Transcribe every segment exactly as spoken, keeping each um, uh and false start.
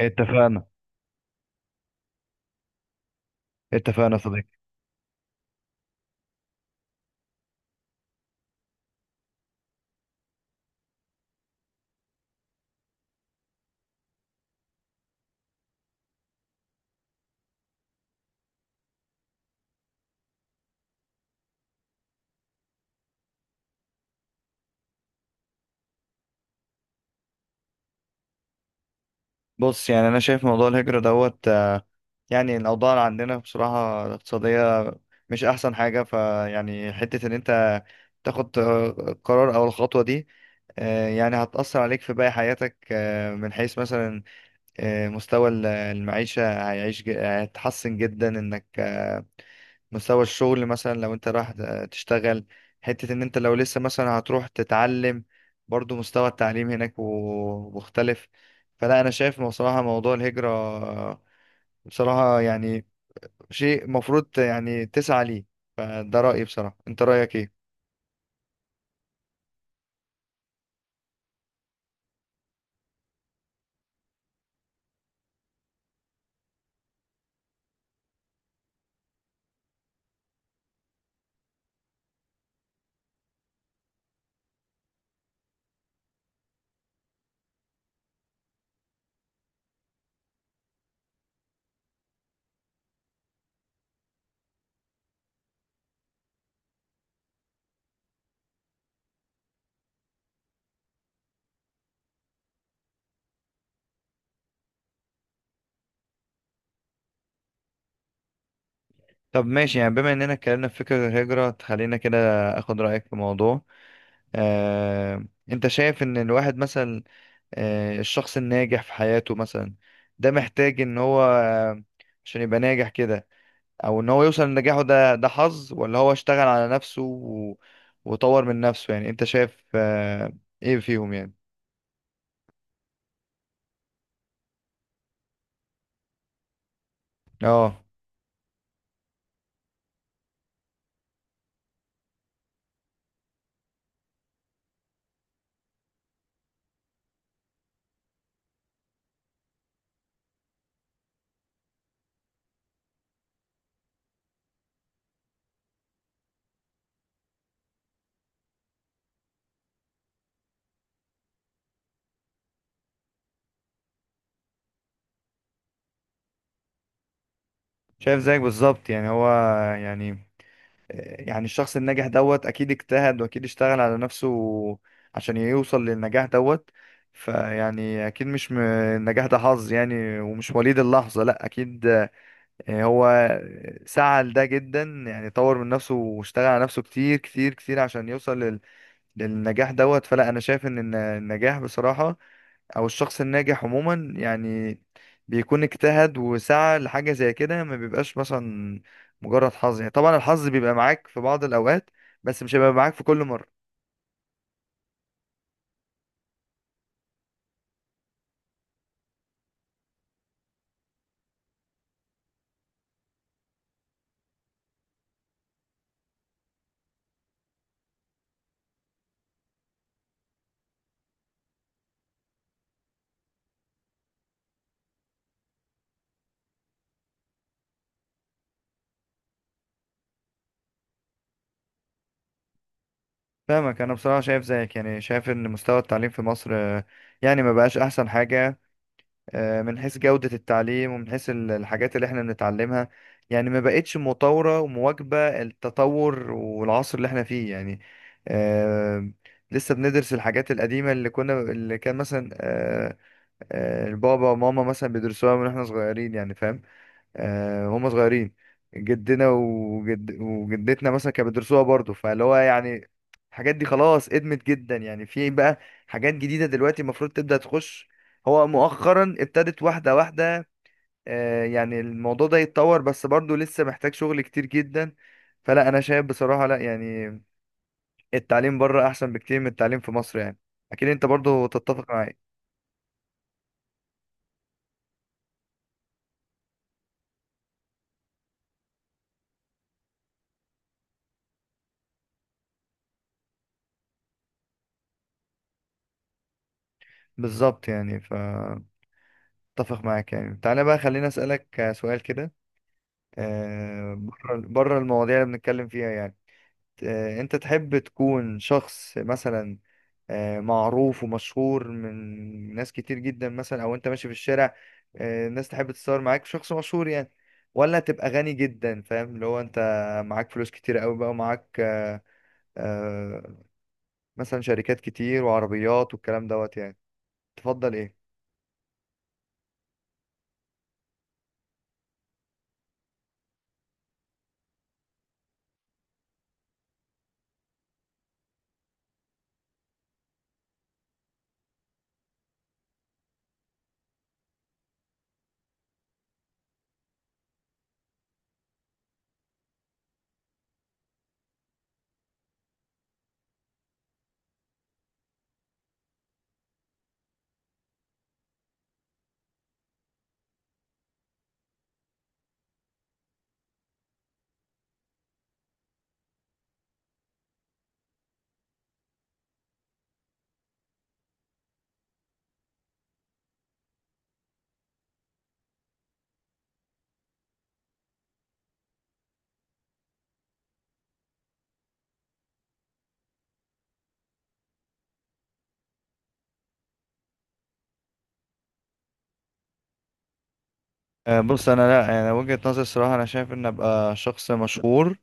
اتفقنا. اتفقنا يا صديقي. بص، يعني انا شايف موضوع الهجرة دوت. آه، يعني الاوضاع اللي عندنا بصراحة الاقتصادية مش احسن حاجة، فيعني حتة ان انت تاخد آه، قرار او الخطوة دي. آه، يعني هتأثر عليك في باقي حياتك، آه، من حيث مثلا آه، مستوى ال- المعيشة، هيعيش ج- هيتحسن جدا، انك مستوى الشغل مثلا لو انت رايح تشتغل، حتة ان انت لو لسه مثلا هتروح تتعلم برضو مستوى التعليم هناك و- مختلف. فلا انا شايف إنه بصراحة موضوع الهجرة بصراحة يعني شيء مفروض يعني تسعى ليه. فده رأيي بصراحة، انت رأيك ايه؟ طب ماشي، يعني بما اننا اتكلمنا في فكرة الهجرة، تخلينا كده اخد رأيك في موضوع. آه، انت شايف ان الواحد مثلا، آه، الشخص الناجح في حياته مثلا، ده محتاج ان هو آه، عشان يبقى ناجح كده، او ان هو يوصل لنجاحه ده ده حظ ولا هو اشتغل على نفسه و... وطور من نفسه؟ يعني انت شايف آه، ايه فيهم يعني؟ اه، شايف زيك بالظبط، يعني هو، يعني، يعني الشخص الناجح دوت اكيد اجتهد واكيد اشتغل على نفسه عشان يوصل للنجاح دوت. فيعني اكيد مش م... النجاح ده حظ يعني، ومش وليد اللحظة لا اكيد. يعني هو سعى لده جدا، يعني طور من نفسه واشتغل على نفسه كتير كتير كتير عشان يوصل لل... للنجاح دوت. فلا انا شايف ان الن- النجاح بصراحة، او الشخص الناجح عموما، يعني بيكون اجتهد وسعى لحاجة زي كده، ما بيبقاش مثلا مجرد حظ. يعني طبعا الحظ بيبقى معاك في بعض الاوقات، بس مش هيبقى معاك في كل مرة. فاهمك. انا بصراحة شايف زيك، يعني شايف ان مستوى التعليم في مصر آه، يعني ما بقاش احسن حاجة، آه، من حيث جودة التعليم ومن حيث ال- الحاجات اللي احنا بنتعلمها، يعني ما بقتش مطورة ومواكبة التطور والعصر اللي احنا فيه يعني. آه، لسه بندرس الحاجات القديمة، اللي كنا، اللي كان مثلا آه، آه، البابا وماما مثلا بيدرسوها من احنا صغيرين يعني، فاهم، آه، وهم صغيرين، جدنا وجد وجدتنا مثلا كانوا بيدرسوها برضه. فاللي هو يعني الحاجات دي خلاص ادمت جدا يعني، في بقى حاجات جديدة دلوقتي المفروض تبدأ تخش. هو مؤخرا ابتدت واحدة واحدة، آه، يعني الموضوع ده يتطور، بس برضه لسه محتاج شغل كتير جدا. فلا انا شايف بصراحة، لا يعني التعليم بره احسن بكتير من التعليم في مصر يعني. اكيد انت برضه تتفق معاي. بالظبط، يعني فاتفق معاك يعني. تعالى بقى خليني اسألك آه، سؤال كده. آه، بره بره المواضيع اللي بنتكلم فيها يعني، آه، انت تحب تكون شخص مثلا آه، معروف ومشهور من ناس كتير جدا مثلا، او انت ماشي في الشارع آه، الناس تحب تتصور معاك، شخص مشهور يعني، ولا تبقى غني جدا، فاهم اللي هو انت معاك فلوس كتير قوي بقى، ومعاك آه، آه، مثلا شركات كتير وعربيات والكلام دوت يعني؟ تفضل ايه؟ آه، بص، انا لا انا وجهة نظري الصراحه، انا شايف ان ابقى شخص مشهور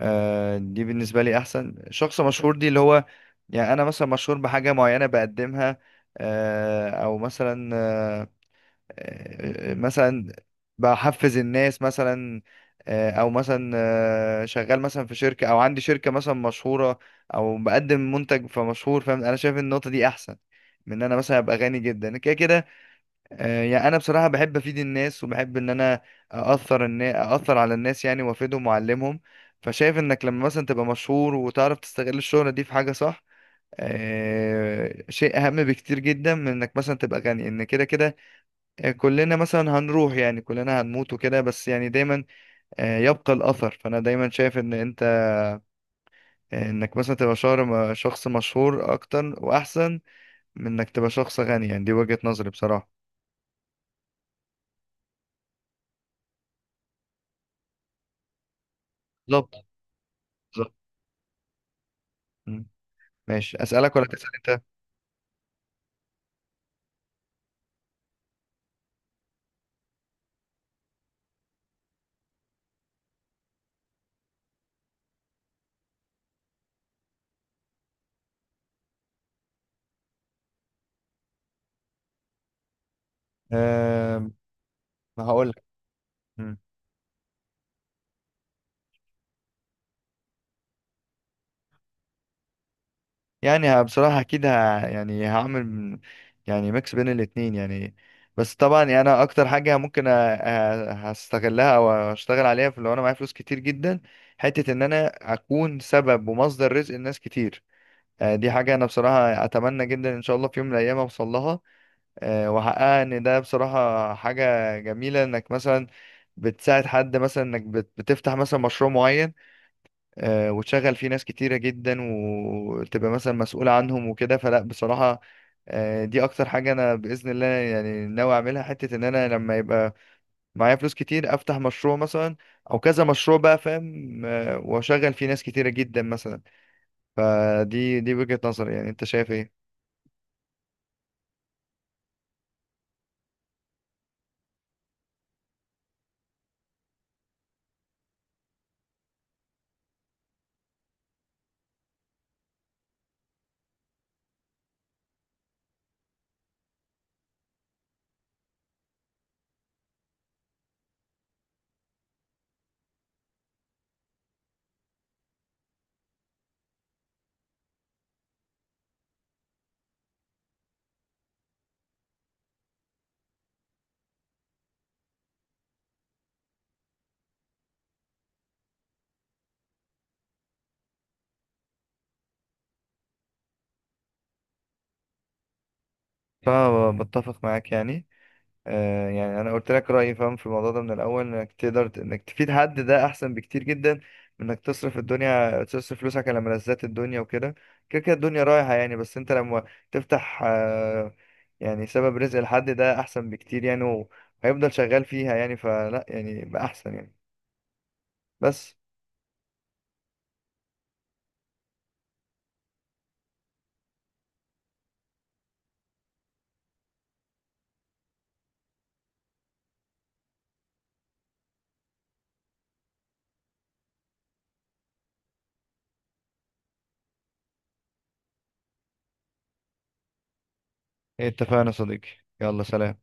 آه، دي بالنسبة لي أحسن. شخص مشهور دي اللي هو، يعني أنا مثلا مشهور بحاجة معينة بقدمها، آه، أو مثلا آه، آه، مثلا بحفز الناس مثلا، آه، أو مثلا آه، شغال مثلا في شركة، أو عندي شركة مثلا مشهورة، أو بقدم منتج فمشهور فاهم. أنا شايف إن النقطة دي أحسن من إن أنا مثلا أبقى غني جدا كده كده. آه، يعني انا بصراحه بحب افيد الناس، وبحب ان انا اثر الناس، اثر على الناس يعني، وافيدهم واعلمهم. فشايف انك لما مثلا تبقى مشهور وتعرف تستغل الشهره دي في حاجه صح، آه شيء اهم بكتير جدا من انك مثلا تبقى غني ان كده كده. آه، كلنا مثلا هنروح يعني، كلنا هنموت وكده، بس يعني دايما آه يبقى الاثر. فانا دايما شايف ان انت، آه، انك مثلا تبقى شهر شخص مشهور اكتر واحسن من انك تبقى شخص غني، يعني دي وجهة نظري بصراحه. بالظبط. بالظبط. ماشي، اسالك ولا تسال انت؟ أه، هقول لك. مم. يعني بصراحه اكيد ه... يعني هعمل من- يعني ميكس بين الاتنين يعني. بس طبعا يعني انا اكتر حاجه ممكن أ... أ- هستغلها او اشتغل عليها في، لو انا معايا فلوس كتير جدا، حته ان انا اكون سبب ومصدر رزق لناس كتير. آه، دي حاجه انا بصراحه اتمنى جدا ان شاء الله في يوم من الايام اوصل لها آه، واحققها. ان ده بصراحه حاجه جميله انك مثلا بتساعد حد، مثلا انك بت- بتفتح مثلا مشروع معين، آه، وتشغل فيه ناس كتيرة جدا وتبقى مثلا مسؤولة عنهم وكده. فلا بصراحة، آه، دي أكتر حاجة أنا بإذن الله يعني ناوي أعملها. حتة إن أنا لما يبقى معايا فلوس كتير أفتح مشروع مثلا، أو كذا مشروع بقى فاهم، آه، وأشغل فيه ناس كتيرة جدا مثلا. فدي دي وجهة نظري يعني، أنت شايف إيه؟ فبتفق معاك يعني. آه، يعني انا قلت لك رايي فاهم في الموضوع ده من الاول، انك تقدر ت- انك تفيد حد ده احسن بكتير جدا من انك تصرف الدنيا، تصرف فلوسك على ملذات الدنيا وكده. كده كده الدنيا رايحه يعني، بس انت لما تفتح آه، يعني سبب رزق لحد، ده احسن بكتير يعني، و- وهيفضل شغال فيها يعني. فلا يعني بقى احسن يعني بس. اتفقنا يا صديقي. يلا سلام.